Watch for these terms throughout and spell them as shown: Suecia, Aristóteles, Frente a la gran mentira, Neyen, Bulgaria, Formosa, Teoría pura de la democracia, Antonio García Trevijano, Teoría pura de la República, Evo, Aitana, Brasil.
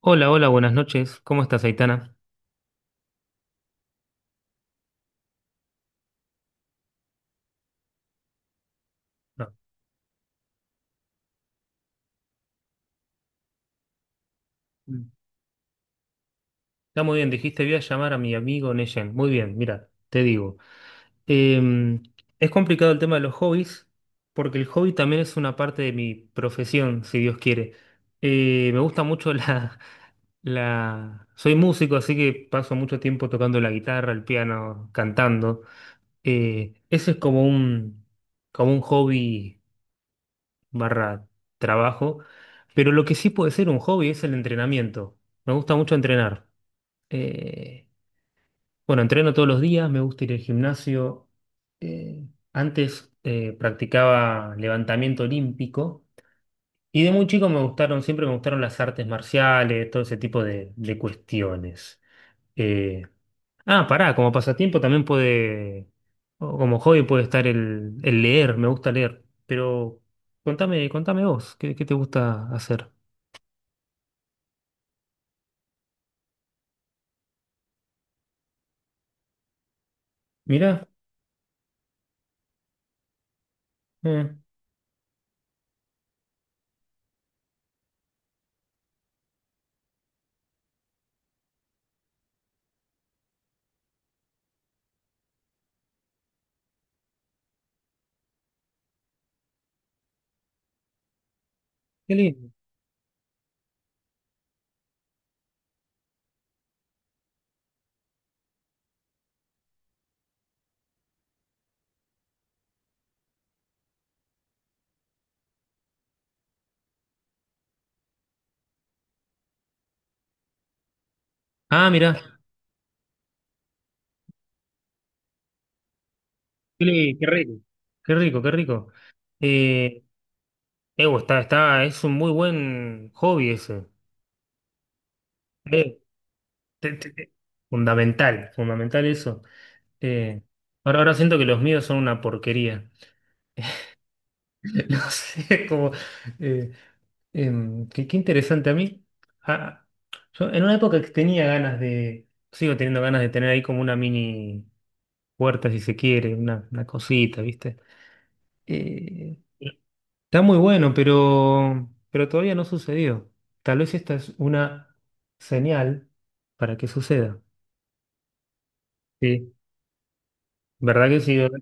Hola, hola, buenas noches. ¿Cómo estás, Aitana? No. Mm. Está muy bien, dijiste, voy a llamar a mi amigo Neyen. Muy bien, mira, te digo. Em, es complicado el tema de los hobbies, porque el hobby también es una parte de mi profesión, si Dios quiere. Me gusta mucho la... Soy músico, así que paso mucho tiempo tocando la guitarra, el piano, cantando. Ese es como un hobby barra trabajo, pero lo que sí puede ser un hobby es el entrenamiento. Me gusta mucho entrenar. Eh, bueno, entreno todos los días, me gusta ir al gimnasio. Eh, Antes practicaba levantamiento olímpico y de muy chico siempre me gustaron las artes marciales, todo ese tipo de cuestiones. Eh, Ah, pará, como pasatiempo también puede, o como hobby puede estar el leer, me gusta leer, pero contame, contame vos, ¿qué, qué te gusta hacer? Mirá, eh, qué lindo. Ah, mirá, qué rico, qué rico, qué rico. Eh, Evo, está, es un muy buen hobby ese. Eh, te- te- te- Fundamental, fundamental eso. Eh, Ahora, ahora siento que los míos son una porquería. No sé, como... Qué, qué interesante a mí. ah, yo en una época que tenía ganas de, sigo teniendo ganas de tener ahí como una mini puerta, si se quiere, una cosita, ¿viste? Eh, Está muy bueno, pero todavía no sucedió. Tal vez esta es una señal para que suceda. Sí, ¿verdad que sí? ¿Verdad?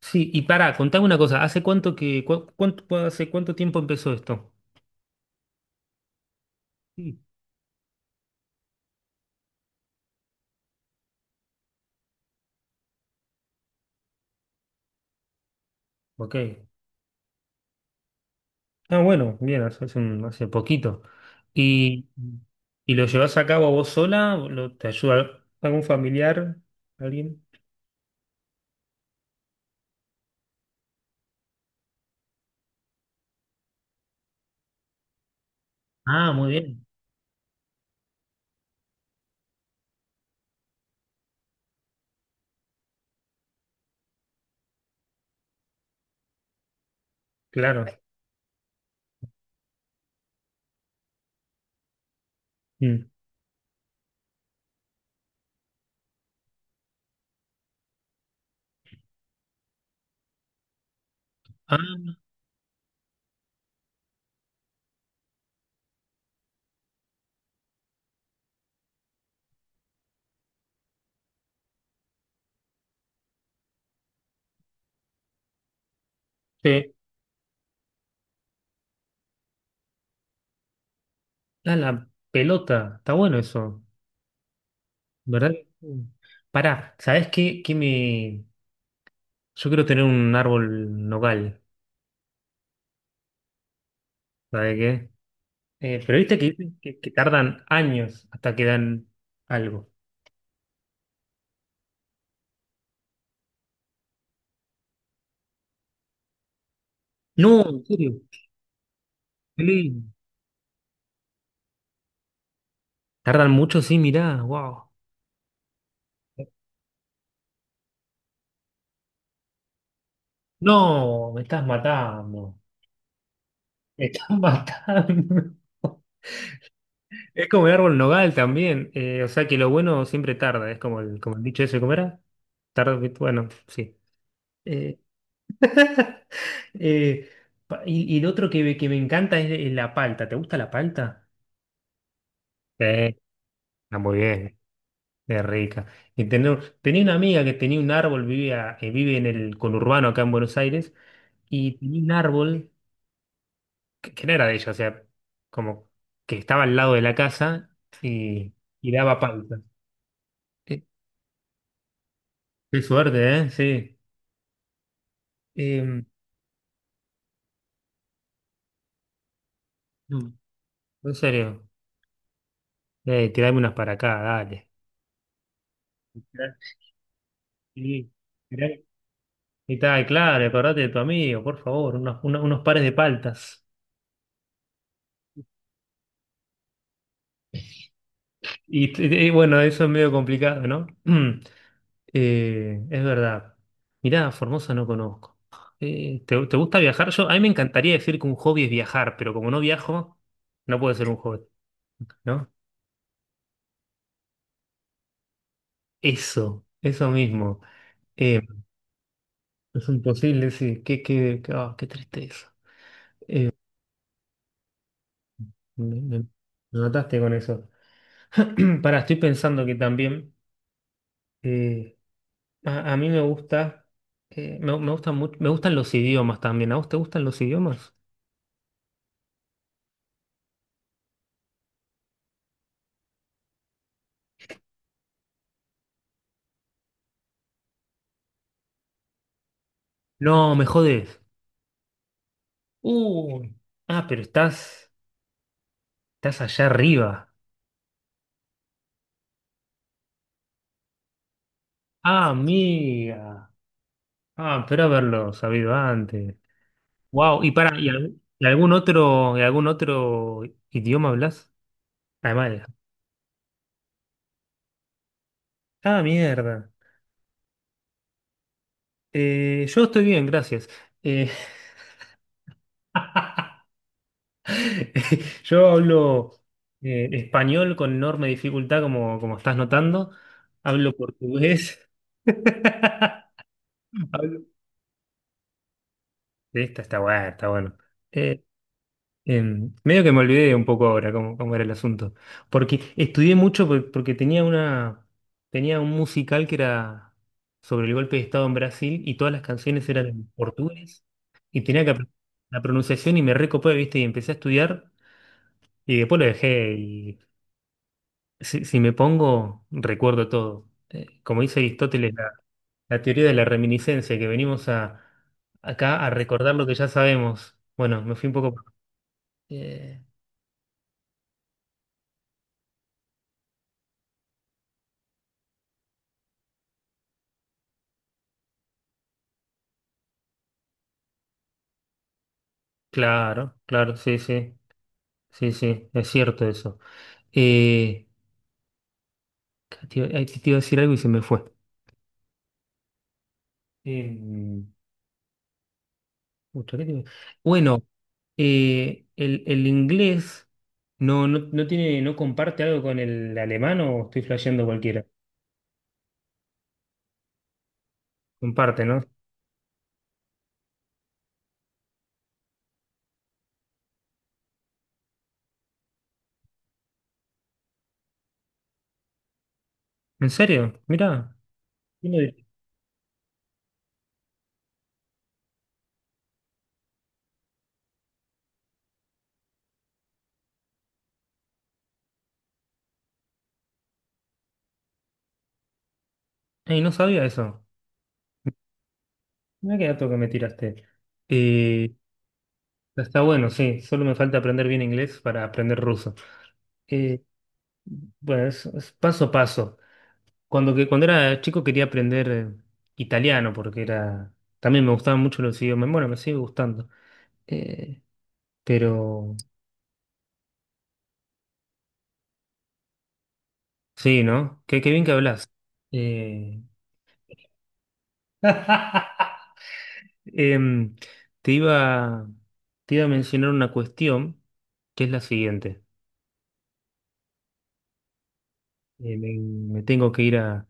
Sí, y para, contame una cosa, ¿hace cuánto cuánto, hace cuánto tiempo empezó esto? Sí. Ok. Ah, bueno, bien, hace poquito. ¿Y lo llevas a cabo vos sola? ¿Te ayuda algún familiar? ¿Alguien? Ah, muy bien, claro. Mm. Ah, te da la pelota. Está bueno eso, ¿verdad? Mm. Pará, ¿sabés qué? Qué me... Yo quiero tener un árbol nogal, ¿sabés qué? Pero viste que que tardan años hasta que dan algo. No, en serio, qué lindo. Tardan mucho, sí, mirá, wow. No, me estás matando. Me estás matando. Es como el árbol nogal también. O sea que lo bueno siempre tarda. Es como como el dicho ese, ¿cómo era? Tarda, bueno, sí. Eh, eh, y, y el otro que me encanta es la palta. ¿Te gusta la palta? Sí, está muy bien. Es rica. Tenía una amiga que tenía un árbol, vivía, vive en el conurbano acá en Buenos Aires, y tenía un árbol que no era de ella, o sea, como que estaba al lado de la casa y, y daba palta. Qué qué suerte, ¿eh? Sí. Em, Mm. En serio. Tirame unas para acá, dale. Y, y tal, claro, acordate de tu amigo, por favor, unos pares de paltas. Y, y bueno, eso es medio complicado, ¿no? Es verdad. Mirá, Formosa no conozco. ¿Te, te gusta viajar? Yo, a mí me encantaría decir que un hobby es viajar, pero como no viajo, no puede ser un hobby, ¿no? Eso mismo. Eh, es imposible, sí. Qué tristeza. Me, me- Me mataste con eso. Para, estoy pensando que también eh, a mí me gusta, me gustan mucho, me gustan los idiomas también. ¿A vos te gustan los idiomas? No, me jodés. Uh, ah, pero estás, estás allá arriba. Ah, amiga. Ah, pero haberlo sabido antes. Wow, y para, ¿y, y algún otro idioma hablas? Además de- Ah, mierda. Yo estoy bien, gracias. Eh, Yo hablo español con enorme dificultad, como, como estás notando. Hablo portugués. Hablo- Esta está buena, está bueno. Eh, Medio que me olvidé un poco ahora cómo, cómo era el asunto. Porque estudié mucho porque tenía tenía un musical que era sobre el golpe de Estado en Brasil y todas las canciones eran en portugués y tenía que aprender la pronunciación y me recopé, ¿viste? Y empecé a estudiar y después lo dejé. Si, si me pongo, recuerdo todo. Como dice Aristóteles, la teoría de la reminiscencia, que venimos acá a recordar lo que ya sabemos. Bueno, me fui un poco... eh, claro, claro, sí, sí, sí, sí, es cierto eso. Eh, te iba a decir algo y se me fue. Eh, Pucha, ¿qué te iba- Bueno, el inglés no tiene, no comparte algo con el alemán o estoy flasheando cualquiera. Comparte, ¿no? ¿En serio? Mirá. Yo no di- Ey, no sabía eso. Mirá qué dato que me tiraste. Eh, Está bueno, sí. Solo me falta aprender bien inglés para aprender ruso. Eh, bueno, es paso a paso. Cuando era chico quería aprender italiano porque era... También me gustaban mucho los idiomas. Bueno, me sigue gustando. Eh, pero... Sí, ¿no? Qué, qué bien que hablas. Eh... Em, te iba, te iba a mencionar una cuestión que es la siguiente. Eh, me, Me tengo que ir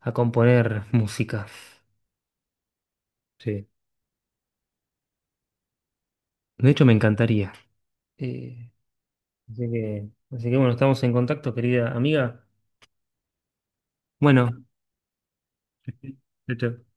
a componer música. Sí. De hecho, me encantaría. Eh, así que bueno, estamos en contacto, querida amiga. Bueno, chao. Chao.